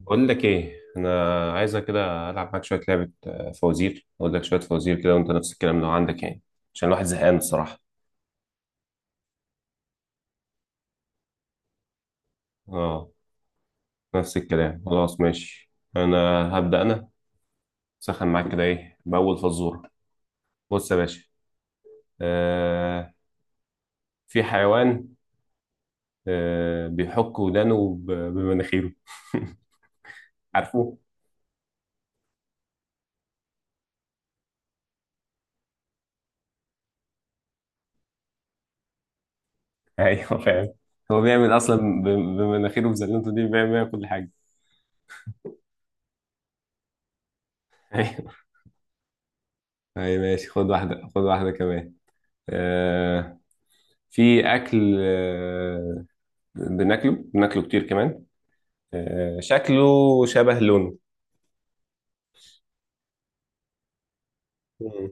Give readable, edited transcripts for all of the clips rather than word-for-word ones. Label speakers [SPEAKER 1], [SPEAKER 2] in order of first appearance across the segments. [SPEAKER 1] بقول لك ايه؟ انا عايزك كده العب معاك شويه لعبه، فوازير. اقول لك شويه فوازير كده وانت نفس الكلام لو عندك يعني. عشان الواحد زهقان الصراحه. اه. نفس الكلام خلاص. ماشي انا هبدا انا. سخن معاك كده، ايه باول فزوره؟ بص يا باشا. آه في حيوان، بيحك ودانه بمناخيره. عارفه؟ ايوه فاهم. هو بيعمل اصلا بمناخيره وبزلته دي بيعمل بيها كل حاجه. ايوه، أيوة، ماشي. خد واحده خد واحده كمان. آه، في اكل، بناكله بناكله كتير كمان. آه، شكله شبه لونه. مم.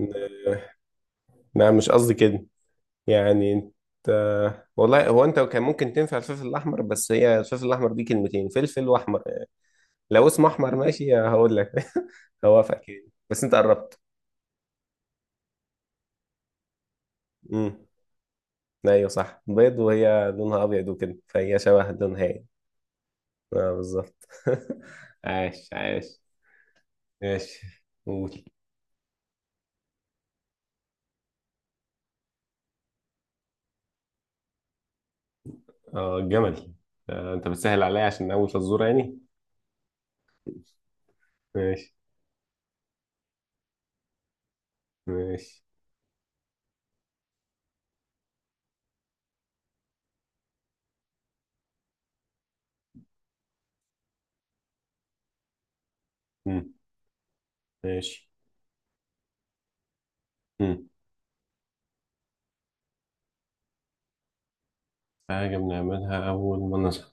[SPEAKER 1] آه، لا مش قصدي كده. يعني انت، والله هو انت كان ممكن تنفع الفلفل الاحمر، بس هي الفلفل الاحمر دي كلمتين، فلفل واحمر. لو اسمه احمر ماشي هقول لك. هوافقك يعني، بس انت قربت. امم، ايوه صح، بيض وهي لونها ابيض وكده فهي شبه لونها يعني. اه بالظبط. عاش عاش. ماشي، قول. اه جمل. آه انت بتسهل عليا عشان اول فزوره يعني. ماشي ماشي. مم. ماشي. مم. حاجه بنعملها اول ما نصحى.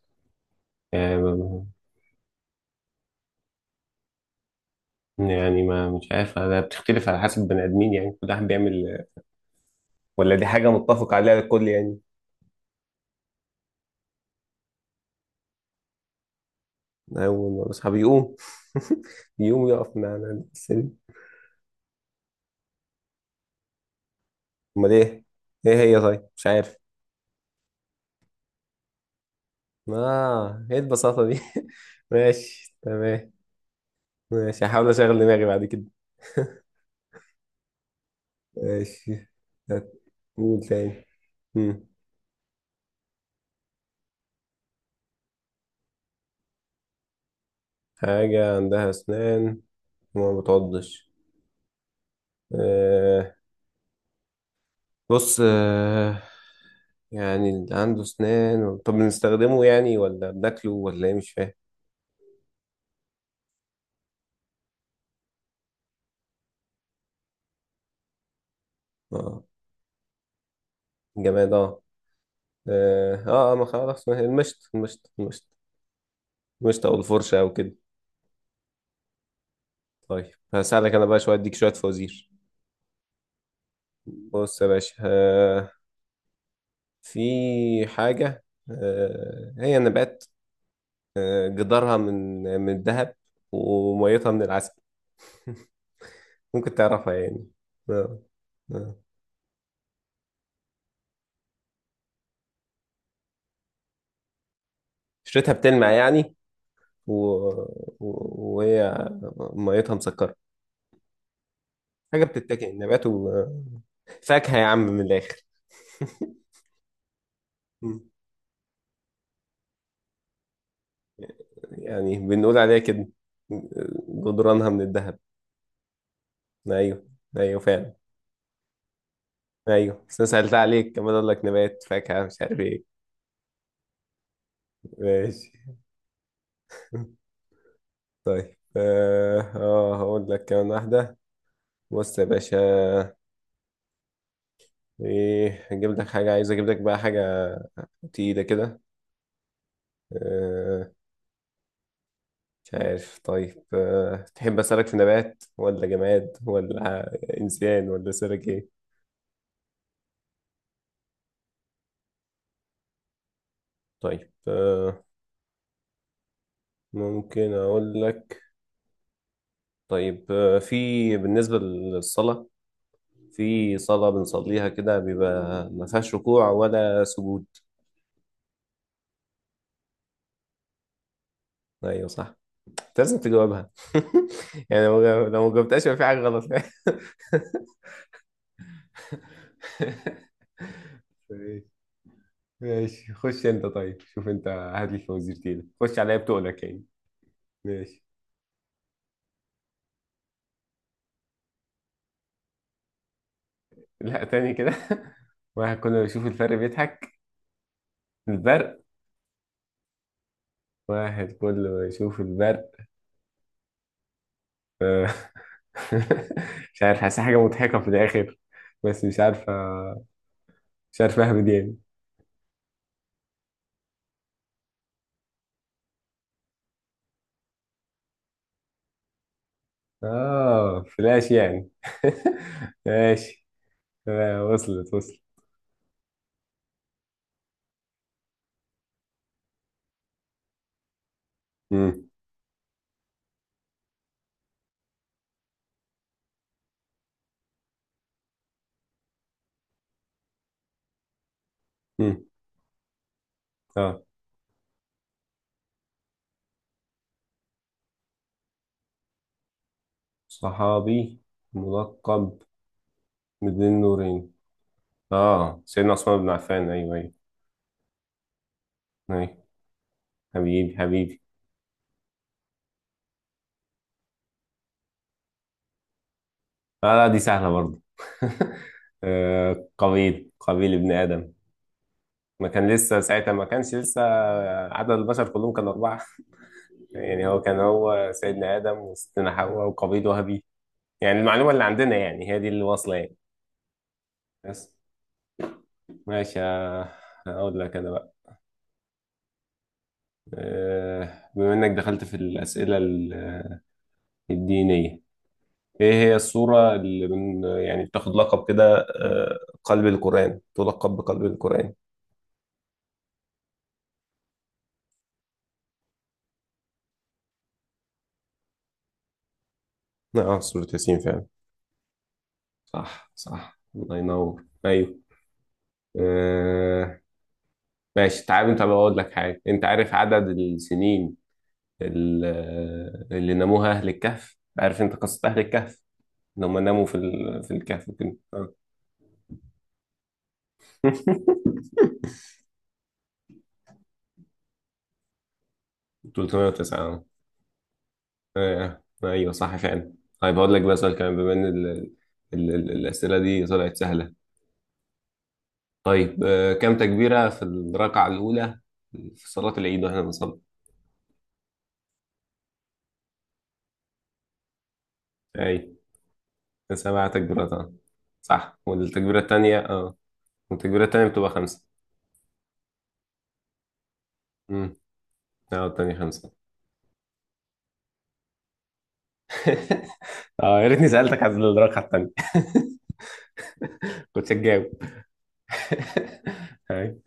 [SPEAKER 1] آه يعني ما مش عارف، ده بتختلف على حسب بني ادمين، يعني كل واحد بيعمل، ولا دي حاجه متفق عليها الكل يعني. اول ما نصحى بيقوم. بيقوم يقف من على السرير. امال ايه؟ ايه هي؟ طيب مش عارف. اه ايه البساطه دي. ماشي تمام. ماشي هحاول اشغل دماغي بعد كده. ماشي. قول تاني. مم. حاجة عندها أسنان وما بتعضش. آه بص، يعني اللي عنده أسنان، طب بنستخدمه يعني ولا بناكله ولا إيه؟ مش فاهم. آه جماد. ما خلاص، ما هي المشط المشط المشط. المشط أو الفرشة أو كده. طيب هساعدك أنا بقى شوية، أديك شوية فوازير. بص يا باشا، في حاجة، آه هي نبات، آه جدارها من الذهب وميتها من العسل. ممكن تعرفها يعني. آه. آه. اشتريتها بتلمع يعني، و... وهي ميتها مسكرة. حاجة بتتاكل، نبات و فاكهة يا عم من الآخر. يعني بنقول عليها كده، آه، جدرانها من الذهب. أيوه، أيوه فعلا. أيوه بس أنا سألت عليك كمان، أقول لك نبات فاكهة مش عارف إيه. ماشي. طيب، هقول لك كمان واحدة. بص يا باشا، إيه هجيب لك حاجة، عايز أجيب لك بقى حاجة تقيلة كده. آه، مش عارف. طيب تحب أسألك، في نبات ولا جماد ولا إنسان ولا سلك إيه؟ طيب ممكن أقول لك. طيب في بالنسبة للصلاة، في صلاة بنصليها كده بيبقى ما فيهاش ركوع ولا سجود. أيوه صح. أنت لازم تجاوبها. يعني لو ما جاوبتهاش يبقى في حاجة غلط. ماشي. ماشي، خش أنت. طيب شوف أنت، هات لي الفوازير تاني، خش عليا بتقولك يعني. ماشي. لا تاني كده. واحد كل ما يشوف الفرق بيضحك البرق. واحد كل ما يشوف البرق. آه، مش عارف، حاسس حاجة مضحكة في الآخر بس مش عارفة، مش عارف أهبد يعني. آه فلاش يعني. ماشي. آه، وصلت وصلت. مم. مم. آه، صحابي ملقب بذي النورين. آه سيدنا عثمان بن عفان، أيوه أيوه. أيوه حبيبي حبيبي. لا لا دي سهلة برضه. آه، قابيل قابيل ابن آدم. ما كان لسه ساعتها، ما كانش لسه، عدد البشر كلهم كان أربعة. يعني هو كان، هو سيدنا آدم وستنا حواء وقابيل وهابيل. يعني المعلومة اللي عندنا يعني هي دي اللي واصلة يعني. بس. ماشي أقول لك أنا بقى بما إنك دخلت في الأسئلة الدينية، إيه هي السورة اللي من يعني بتاخد لقب كده، قلب القرآن، تلقب بقلب القرآن؟ اه سورة ياسين فعلا. صح صح، الله ينور. ايوه آه. ماشي تعال، انت بقول لك حاجه، انت عارف عدد السنين اللي ناموها اهل الكهف؟ عارف انت قصه اهل الكهف، ان هم ناموا في الكهف وكده. آه. 309. آه. آه، ايوه صح فعلا. طيب هقول لك بقى سؤال كمان، بما ان الاسئله دي طلعت سهله. طيب، كم تكبيره في الركعه الاولى في صلاه العيد واحنا بنصلي؟ ايوه، سبعة تكبيرات اه صح. والتكبيرة التانية بتبقى خمسة. امم اه، التانية خمسة. اه يا ريتني سألتك عن الرقعة التانية، كنت هتجاوب. هاي.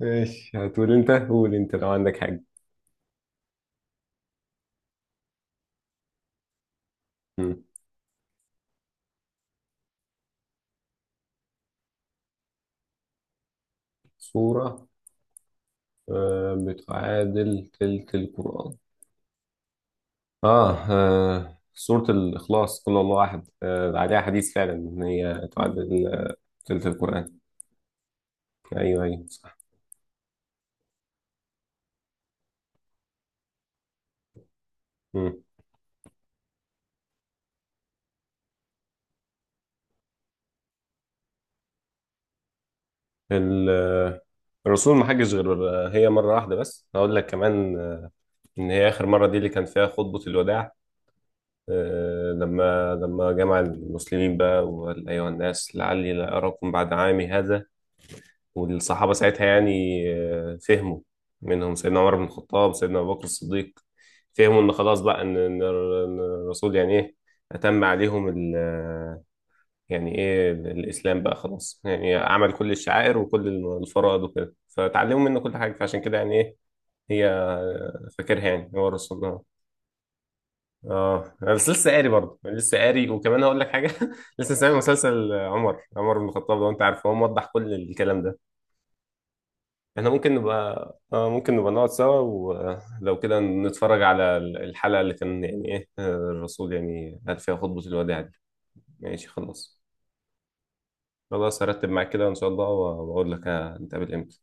[SPEAKER 1] ماشي، هتقول انت، قول انت لو عندك حاجة. مم. سورة بتعادل تلت القرآن. سورة الإخلاص قل هو الله أحد، عليها حديث فعلا إن هي تعادل تلت القرآن. أيوه أيوه صح. مم. ال- آه، الرسول ما حجش غير هي مرة واحدة، بس هقول لك كمان إن هي آخر مرة دي اللي كان فيها خطبة الوداع. آه، لما جمع المسلمين بقى وقال أيها الناس لعلي لا أراكم بعد عامي هذا، والصحابة ساعتها يعني فهموا، منهم سيدنا عمر بن الخطاب سيدنا أبو بكر الصديق. فهموا إن خلاص بقى، إن الرسول يعني إيه أتم عليهم ال آه، يعني إيه الإسلام بقى خلاص، يعني عمل كل الشعائر وكل الفرائض وكده، فتعلموا منه كل حاجة. فعشان كده يعني إيه هي فاكرها، يعني هو الرسول اه. اه أنا بس لسه قاري برضه، يعني لسه قاري. وكمان هقول لك حاجه، لسه سامع مسلسل عمر بن الخطاب، لو انت عارفه، هو موضح كل الكلام ده. احنا ممكن نبقى اه ممكن نبقى نقعد سوا ولو كده نتفرج على الحلقه اللي كان يعني ايه، آه، الرسول يعني قال فيها خطبه الوداع دي. ماشي خلاص. خلاص هرتب معاك كده ان شاء الله واقول لك هنتقابل امتى